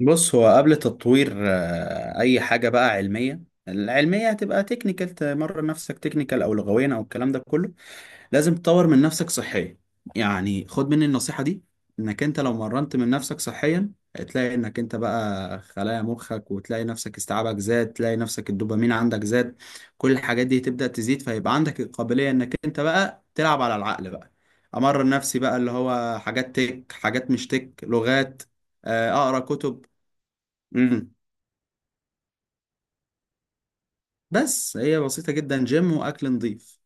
بص، هو قبل تطوير اي حاجه بقى علميه، العلميه هتبقى تكنيكال. تمرن نفسك تكنيكال او لغويا او الكلام ده كله. لازم تطور من نفسك صحيا. يعني خد مني النصيحه دي، انك انت لو مرنت من نفسك صحيا هتلاقي انك انت بقى خلايا مخك، وتلاقي نفسك استيعابك زاد، تلاقي نفسك الدوبامين عندك زاد. كل الحاجات دي تبدا تزيد، فيبقى عندك القابليه انك انت بقى تلعب على العقل بقى. امرن نفسي بقى اللي هو حاجات تك، حاجات مش تك، لغات، اقرا كتب. امم بس هي بسيطة جدا، جيم وأكل نظيف.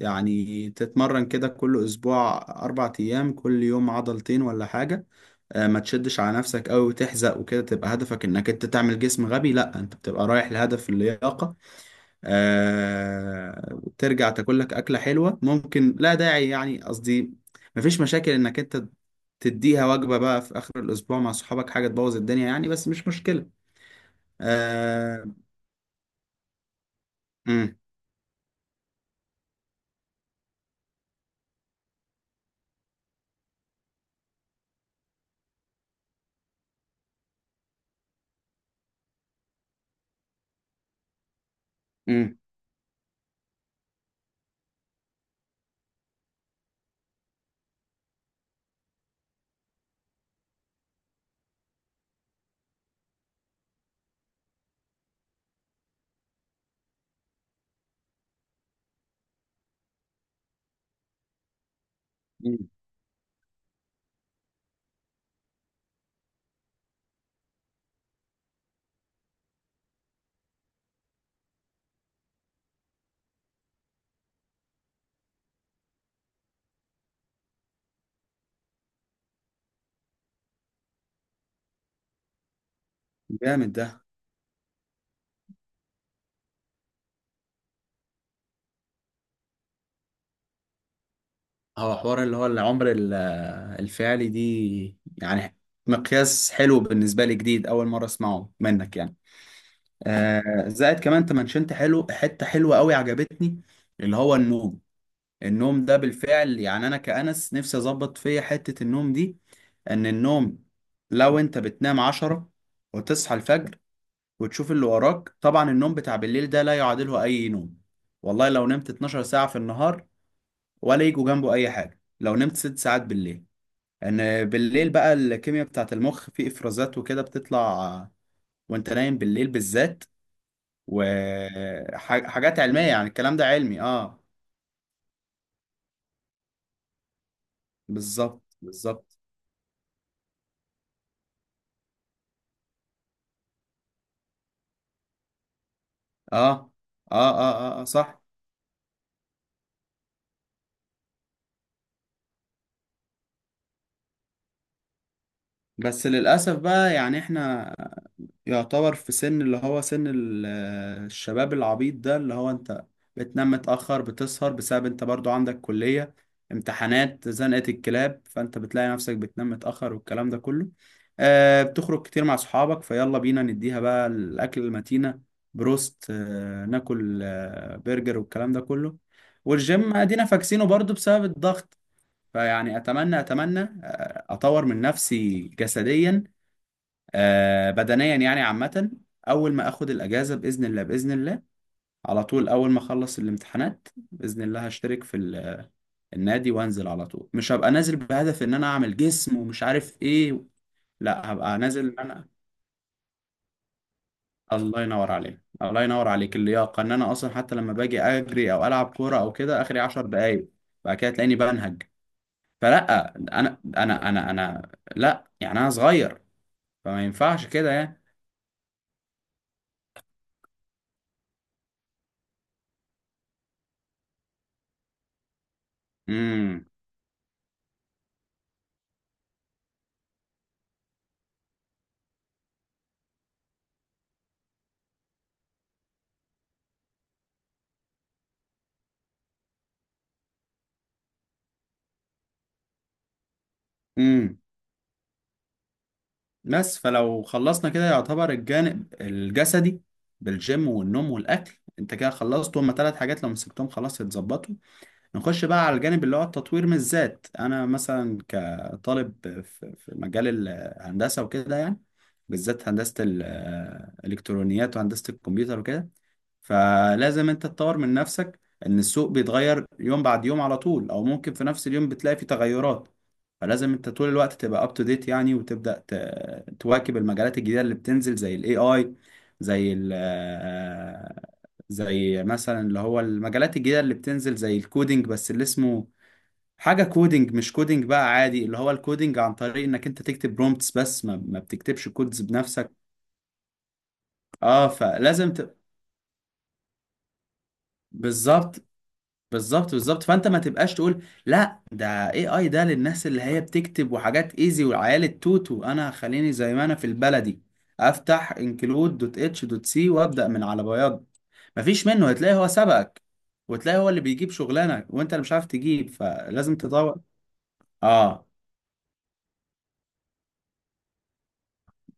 يعني تتمرن كده كل أسبوع أربع أيام، كل يوم عضلتين ولا حاجة. ما تشدش على نفسك أوي وتحزق وكده تبقى هدفك إنك أنت تعمل جسم غبي، لأ، أنت بتبقى رايح لهدف اللياقة. ترجع تاكلك أكلة حلوة ممكن، لا داعي يعني قصدي، مفيش مشاكل إنك أنت تديها وجبة بقى في آخر الأسبوع مع صحابك، حاجة تبوظ الدنيا يعني، بس مش مشكلة. آه، امم امم امم. جامد ده. هو حوار اللي هو العمر الفعلي دي، يعني مقياس حلو بالنسبة لي، جديد، أول مرة أسمعه منك يعني. آه، زائد كمان أنت منشنت حلو، حتة حلوة أوي عجبتني، اللي هو النوم. النوم ده بالفعل، يعني أنا كأنس نفسي أظبط فيا حتة النوم دي. إن النوم، لو أنت بتنام عشرة وتصحى الفجر وتشوف اللي وراك، طبعا النوم بتاع بالليل ده لا يعادله أي نوم. والله لو نمت 12 ساعة في النهار، ولا يجوا جنبه أي حاجة لو نمت ست ساعات بالليل. ان بالليل بقى الكيمياء بتاعت المخ، في افرازات وكده بتطلع وانت نايم بالليل بالذات، وحاجات علمية، يعني الكلام ده علمي. اه، بالظبط بالظبط. اه اه اه اه، آه صح. بس للأسف بقى يعني احنا يعتبر في سن، اللي هو سن الشباب العبيط ده، اللي هو انت بتنام متأخر، بتسهر بسبب انت برضو عندك كلية، امتحانات، زنقة الكلاب، فانت بتلاقي نفسك بتنام متأخر والكلام ده كله. آه، بتخرج كتير مع صحابك، فيلا بينا نديها بقى الأكل المتينة، بروست، آه، ناكل آه برجر والكلام ده كله. والجيم ادينا فاكسينه برضو بسبب الضغط. فيعني اتمنى اتمنى اطور من نفسي جسديا، آه، بدنيا يعني عامة. أول ما أخد الأجازة بإذن الله، بإذن الله على طول أول ما أخلص الامتحانات بإذن الله هشترك في النادي، وأنزل على طول، مش هبقى نازل بهدف إن أنا أعمل جسم ومش عارف إيه. لا، هبقى نازل إن أنا، الله ينور عليك الله ينور عليك، اللياقة. إن أنا أصلا حتى لما باجي أجري أو ألعب كورة أو كده، آخري 10 دقايق بعد كده تلاقيني بنهج. فلا، أنا أنا لا، يعني أنا صغير، فما ينفعش كده يعني. امم. بس فلو خلصنا كده يعتبر الجانب الجسدي بالجيم والنوم والاكل، انت كده خلصت. هما ثلاث حاجات لو مسكتهم خلاص يتظبطوا. نخش بقى على الجانب اللي هو التطوير من الذات. انا مثلا كطالب في مجال الهندسه وكده، يعني بالذات هندسه الالكترونيات وهندسه الكمبيوتر وكده، فلازم انت تطور من نفسك. ان السوق بيتغير يوم بعد يوم على طول، او ممكن في نفس اليوم بتلاقي فيه تغيرات. فلازم انت طول الوقت تبقى اب تو ديت يعني، وتبدا تواكب المجالات الجديده اللي بتنزل زي الاي اي، زي ال آه، زي مثلا اللي هو المجالات الجديده اللي بتنزل زي الكودينج. بس اللي اسمه حاجه كودينج مش كودينج بقى عادي، اللي هو الكودينج عن طريق انك انت تكتب برومبتس بس، ما بتكتبش كودز بنفسك. اه، بالظبط بالظبط بالظبط. فانت ما تبقاش تقول لا، ده اي اي ده للناس اللي هي بتكتب وحاجات ايزي والعيال التوتو، انا خليني زي ما انا في البلدي، افتح انكلود دوت اتش دوت سي وابدا من على بياض. مفيش منه، هتلاقي هو سبقك وتلاقي هو اللي بيجيب شغلانه وانت اللي مش عارف تجيب، فلازم تطور. اه،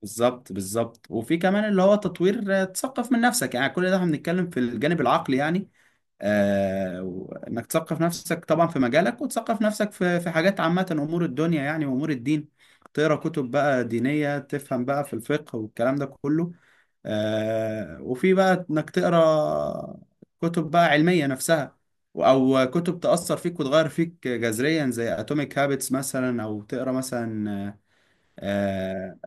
بالظبط بالظبط. وفي كمان اللي هو تطوير، تثقف من نفسك. يعني كل ده احنا بنتكلم في الجانب العقلي يعني. آه، انك تثقف نفسك طبعا في مجالك، وتثقف نفسك في حاجات عامة، امور الدنيا يعني وامور الدين، تقرا كتب بقى دينية تفهم بقى في الفقه والكلام ده كله. آه، وفي بقى انك تقرا كتب بقى علمية نفسها، او كتب تأثر فيك وتغير فيك جذريا زي اتوميك هابتس مثلا، او تقرا مثلا، آه،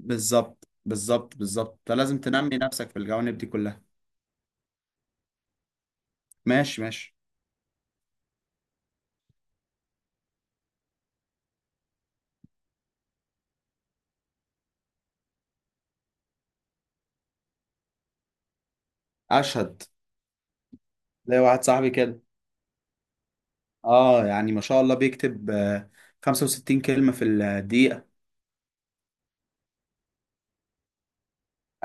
بالظبط بالظبط بالظبط. فلازم تنمي نفسك في الجوانب دي كلها. ماشي، ماشي. اشهد، زي واحد صاحبي كده. اه يعني ما شاء الله بيكتب 65 كلمة في الدقيقة.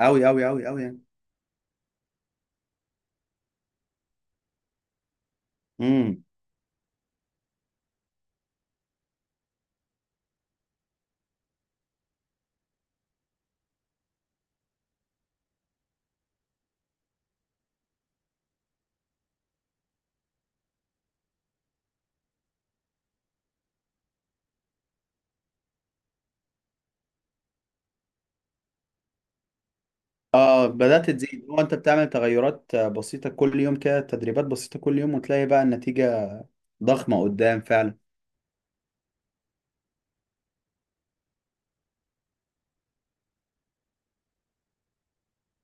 أوي أوي أوي أوي يعني. امم اه، بدأت تزيد. هو انت بتعمل تغيرات بسيطة كل يوم كده، تدريبات بسيطة كل يوم، وتلاقي بقى النتيجة ضخمة قدام فعلا.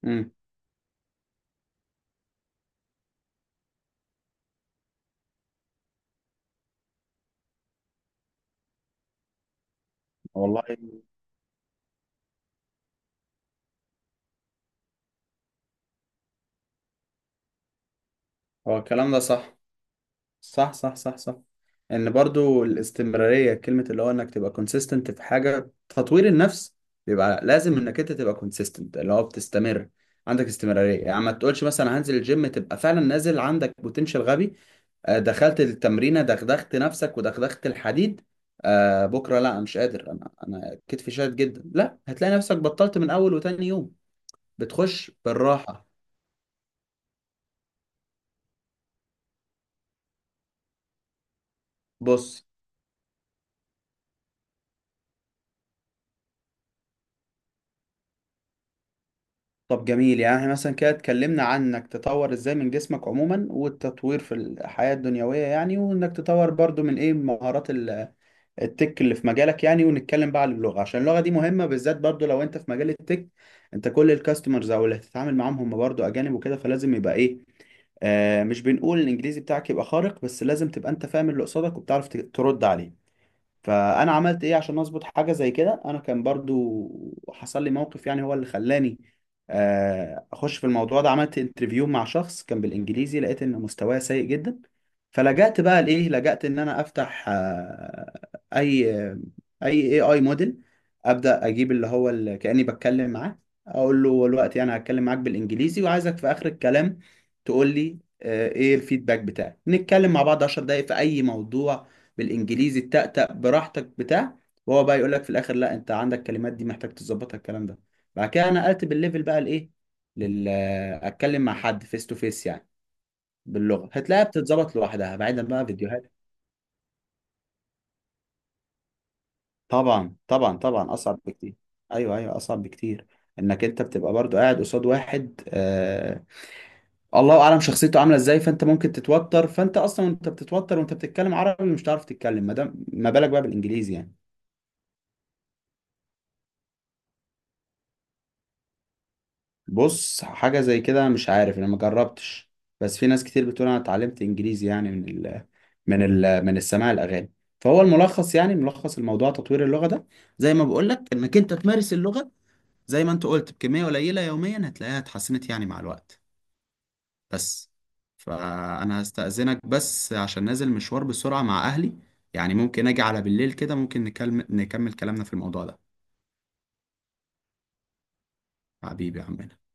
امم والله. هو الكلام ده صح، صح صح صح صح. ان برضو الاستمرارية كلمة، اللي هو انك تبقى consistent في حاجة تطوير النفس، بيبقى لازم انك انت تبقى consistent، اللي هو بتستمر، عندك استمرارية. يعني ما تقولش مثلا هنزل الجيم، تبقى فعلا نازل عندك بوتنشال غبي، دخلت التمرينة، دغدغت نفسك ودغدغت الحديد، بكرة لا، انا مش قادر، انا كتفي شاد جدا، لا، هتلاقي نفسك بطلت من اول وتاني يوم. بتخش بالراحة. بص، طب جميل. يعني احنا مثلا كده اتكلمنا عن انك تطور ازاي من جسمك عموما، والتطوير في الحياة الدنيوية يعني، وانك تطور برضو من ايه، مهارات التك اللي في مجالك يعني. ونتكلم بقى عن اللغة، عشان اللغة دي مهمة بالذات برضو لو انت في مجال التك. انت كل الكاستمرز او اللي هتتعامل معاهم هم برضو اجانب وكده، فلازم يبقى ايه، آه، مش بنقول الانجليزي بتاعك يبقى خارق، بس لازم تبقى انت فاهم اللي قصادك وبتعرف ترد عليه. فانا عملت ايه عشان اظبط حاجه زي كده؟ انا كان برضو حصل لي موقف، يعني هو اللي خلاني اخش في الموضوع ده. عملت انترفيو مع شخص كان بالانجليزي، لقيت ان مستواه سيء جدا. فلجأت بقى لايه، لجأت ان انا افتح، اي اي موديل، ابدا اجيب اللي هو اللي كاني بتكلم معاه، اقول له دلوقتي انا هتكلم معاك بالانجليزي، وعايزك في اخر الكلام تقول لي ايه الفيدباك بتاعك. نتكلم مع بعض 10 دقايق في اي موضوع بالانجليزي، التأتأ براحتك بتاع، وهو بقى يقول لك في الاخر لا انت عندك كلمات دي محتاج تظبطها الكلام ده. بعد كده نقلت بالليفل بقى لايه، لل اتكلم مع حد فيس تو فيس يعني، باللغه، هتلاقيها بتتظبط لوحدها بعيدا بقى فيديوهات. طبعا طبعا طبعا، اصعب بكتير. ايوه ايوه، اصعب بكتير. انك انت بتبقى برضو قاعد قصاد واحد، الله اعلم شخصيته عامله ازاي، فانت ممكن تتوتر. فانت اصلا وانت بتتوتر وانت بتتكلم عربي مش هتعرف تتكلم، ما دام، ما بالك بقى بالانجليزي يعني. بص، حاجة زي كده مش عارف انا، ما جربتش، بس في ناس كتير بتقول انا اتعلمت انجليزي يعني من ال من ال من السماع الاغاني. فهو الملخص، يعني ملخص الموضوع تطوير اللغة ده، زي ما بقول لك انك انت تمارس اللغة، زي ما انت قلت بكمية قليلة يوميا، هتلاقيها اتحسنت يعني مع الوقت. بس، فانا هستأذنك بس عشان نازل مشوار بسرعة مع اهلي. يعني ممكن اجي على بالليل كده، ممكن نكمل كلامنا في الموضوع ده. حبيبي يا عمنا.